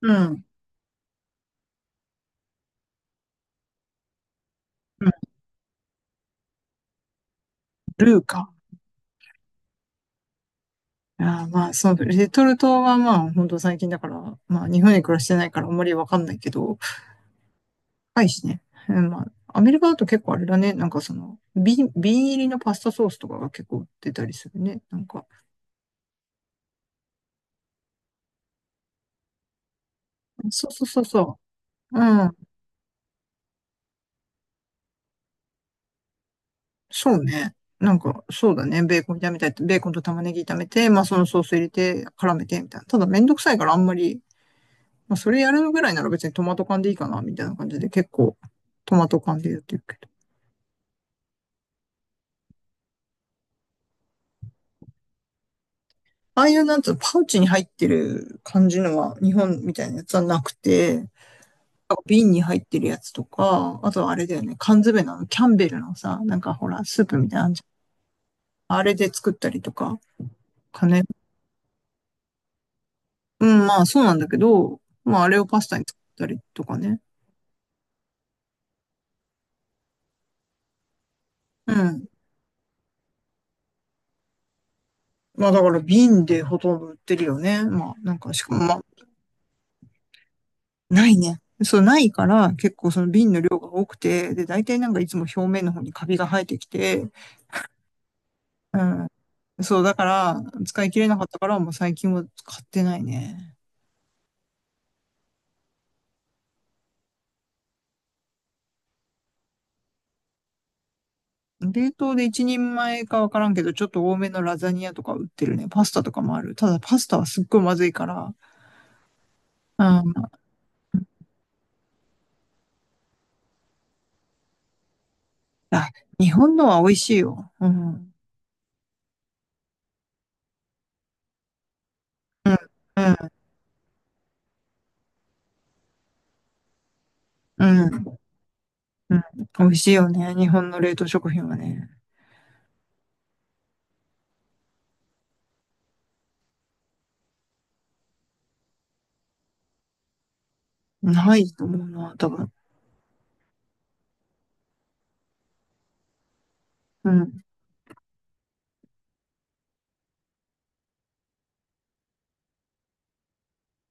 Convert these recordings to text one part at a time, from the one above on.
うん。うん。ルーか。あーそう、レトルトは本当最近だから、日本に暮らしてないからあんまりわかんないけど、高いしね。うんまアメリカだと結構あれだね。瓶入りのパスタソースとかが結構売ってたりするね。なんか、そうそう。うん。そうね。なんか、そうだね。ベーコン炒めたい。ベーコンと玉ねぎ炒めて、そのソース入れて、絡めて、みたいな。ただ、めんどくさいからあんまり、それやるぐらいなら別にトマト缶でいいかな、みたいな感じで、結構、トマト缶でやってるけど。ああいうなんつうの、パウチに入ってる感じのは、日本みたいなやつはなくて、瓶に入ってるやつとか、あとはあれだよね、缶詰のキャンベルのさ、なんかほら、スープみたいなのあんじゃん、あれで作ったりとかかね。うん、そうなんだけど、あれをパスタに作ったりとかね。うん。だから瓶でほとんど売ってるよね。まあなんかしかも、まあ、ないね。そう、ないから結構その瓶の量が多くて、で、大体なんかいつも表面の方にカビが生えてきて、うん。そう、だから、使い切れなかったから、もう最近は買ってないね。冷凍で一人前かわからんけど、ちょっと多めのラザニアとか売ってるね。パスタとかもある。ただパスタはすっごいまずいから。うん。あ、日本のは美味しいよ。うん。うん。うん。うん。美味しいよね。日本の冷凍食品はね。ないと思うな、多分。うん。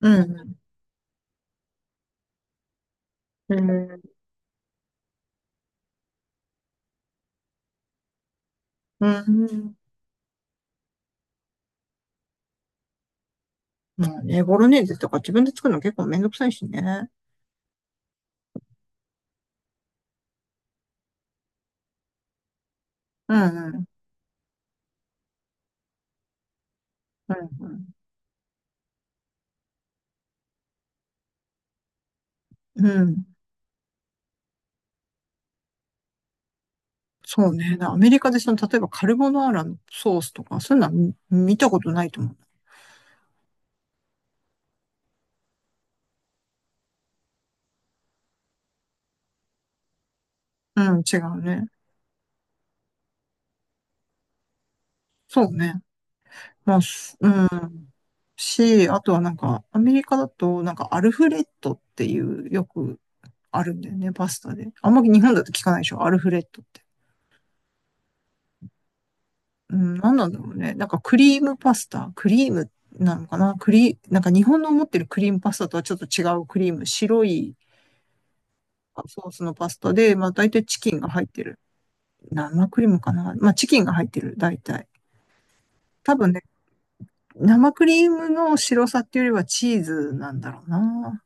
うん。うん。うん。まあね、ボロネーゼとか自分で作るの結構めんどくさいしね。うん。うん。うん。うん。そうね。なアメリカでその、例えばカルボナーラのソースとか、そういうのは見たことないと思う。うん、違うね。そうね。まあ、すうん。し、あとはなんか、アメリカだと、なんかアルフレッドっていう、よくあるんだよね、パスタで。あんまり日本だと聞かないでしょ、アルフレッドって。うん、なんなんだろうね。クリームなのかなクリ、なんか日本の思ってるクリームパスタとはちょっと違うクリーム、白いソースのパスタで、まあ大体チキンが入ってる。生クリームかな、まあ、チキンが入ってる、大体。多分ね、生クリームの白さっていうよりはチーズなんだろうな。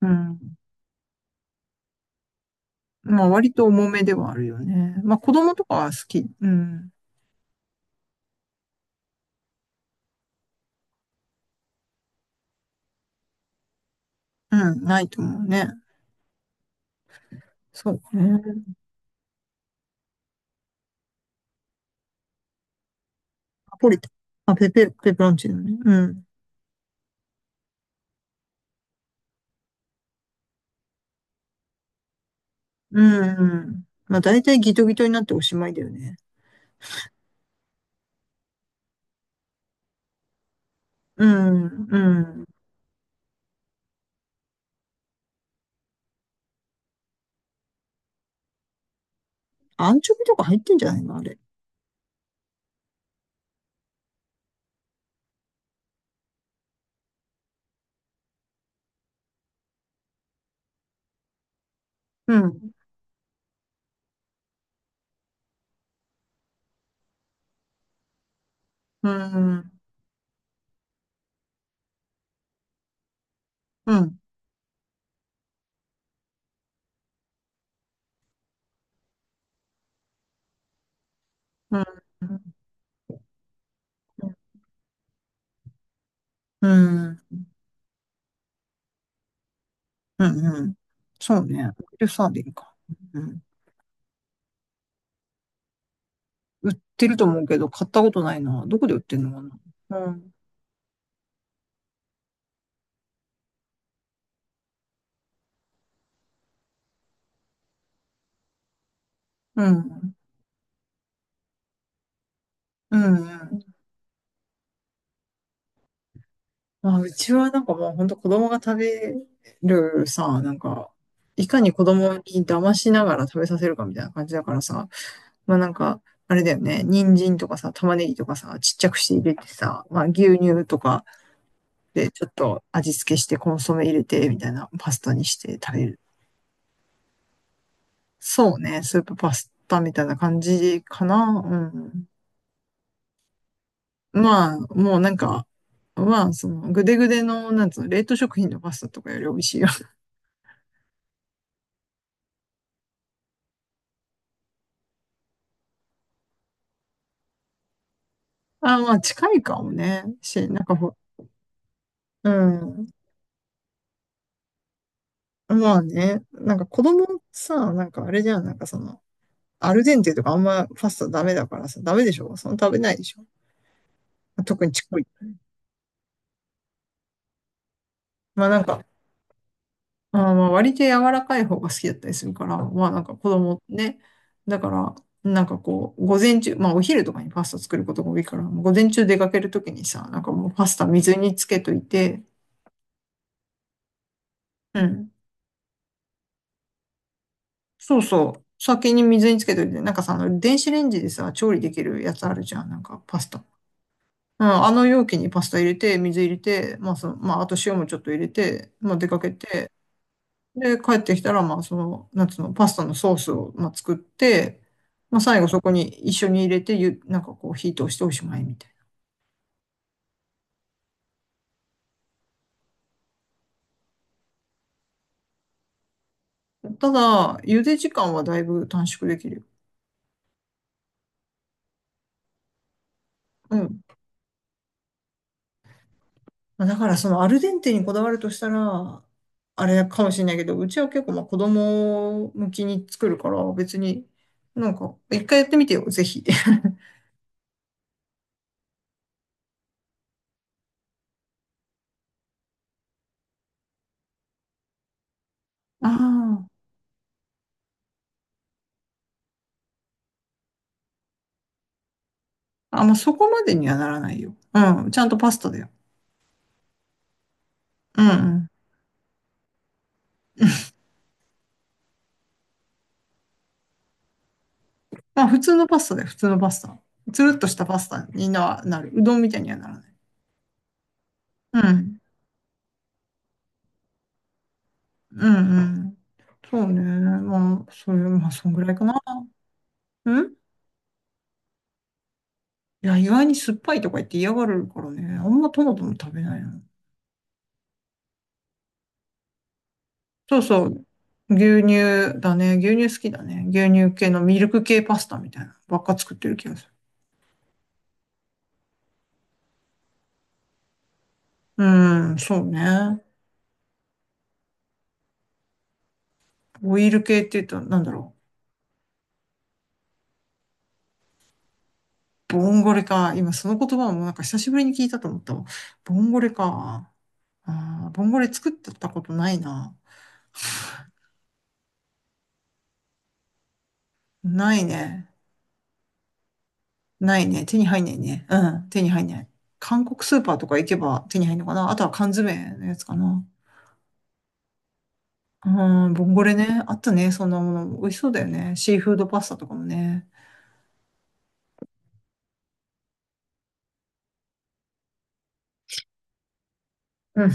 うん。まあ、割と重めではあるよね。まあ、子供とかは好き。うん。うん、ないと思うね。そうかね。ナポリタン。まあ、ペペロンチーノね。うん。うん、うん。まあ、大体ギトギトになっておしまいだよね。うん、うん。アンチョビとか入ってんじゃないのあれ。うん、うん、うん、うん、うん、うん。うんうん。そうね。オイルサーディンか。うん。売ってると思うけど、買ったことないな。どこで売ってんのかな。うん。うん。うん。んうちはなんかもう本当子供が食べるさ、なんか、いかに子供に騙しながら食べさせるかみたいな感じだからさ、まあなんか、あれだよね、人参とかさ、玉ねぎとかさ、ちっちゃくして入れてさ、まあ牛乳とかでちょっと味付けしてコンソメ入れてみたいなパスタにして食べる。そうね、スープパスタみたいな感じかな。うん。まあ、もうなんか、まあ、その、ぐでぐでの、なんつうの、冷凍食品のパスタとかより美味しいよ。あ、まあ、近いかもね。し、なんかほ、うん。まあね、なんか子供さ、なんかあれじゃん、なんかその、アルデンテとかあんまパスタダメだからさ、ダメでしょ、その食べないでしょ特にちっこい。まあなんか、まあーまあ割と柔らかい方が好きだったりするから、まあなんか子供ね。だから、なんかこう、午前中、まあお昼とかにパスタ作ることが多いから、午前中出かけるときにさ、なんかもうパスタ水につけといて、うん。そうそう。先に水につけといて、なんかさ、あの電子レンジでさ、調理できるやつあるじゃん、なんかパスタ。うん、あの容器にパスタ入れて、水入れて、まああと塩もちょっと入れて、まあ出かけて、で、帰ってきたら、まあ、その、なんつうの、パスタのソースを、まあ、作って、まあ、最後そこに一緒に入れて、なんかこう、火通しておしまいみたいな。ただ、茹で時間はだいぶ短縮できるよ。うん。まあだから、その、アルデンテにこだわるとしたら、あれかもしれないけど、うちは結構、まあ、子供向きに作るから、別に、なんか、一回やってみてよ、ぜひ。ああ。あ、まあ、そこまでにはならないよ。うん。ちゃんとパスタだよ。うんうん。まあ、普通のパスタだよ、普通のパスタ。つるっとしたパスタにな、なる。うどんみたいにはならない。うん。うんうん。そうね。まあ、それ、まあ、そんぐらいかな。うん、いや、意外に酸っぱいとか言って嫌がるからね。あんまトマトも食べないな。そうそう。牛乳だね。牛乳好きだね。牛乳系のミルク系パスタみたいなのばっか作ってる気がする。うん、そうね。オイル系って言うと、なんだろう。ボンゴレか。今その言葉もなんか久しぶりに聞いたと思ったわ。ボンゴレか。ああ、ボンゴレ作ったことないな。ないね。ないね。手に入んないね。うん、手に入んない。韓国スーパーとか行けば手に入るのかな。あとは缶詰のやつかな。うん、ボンゴレね。あったね。そんなもの。美味しそうだよね。シーフードパスタとかもね。うん、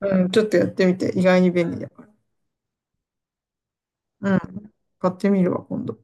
うん、ちょっとやってみて。意外に便利だから。うん、買ってみるわ、今度。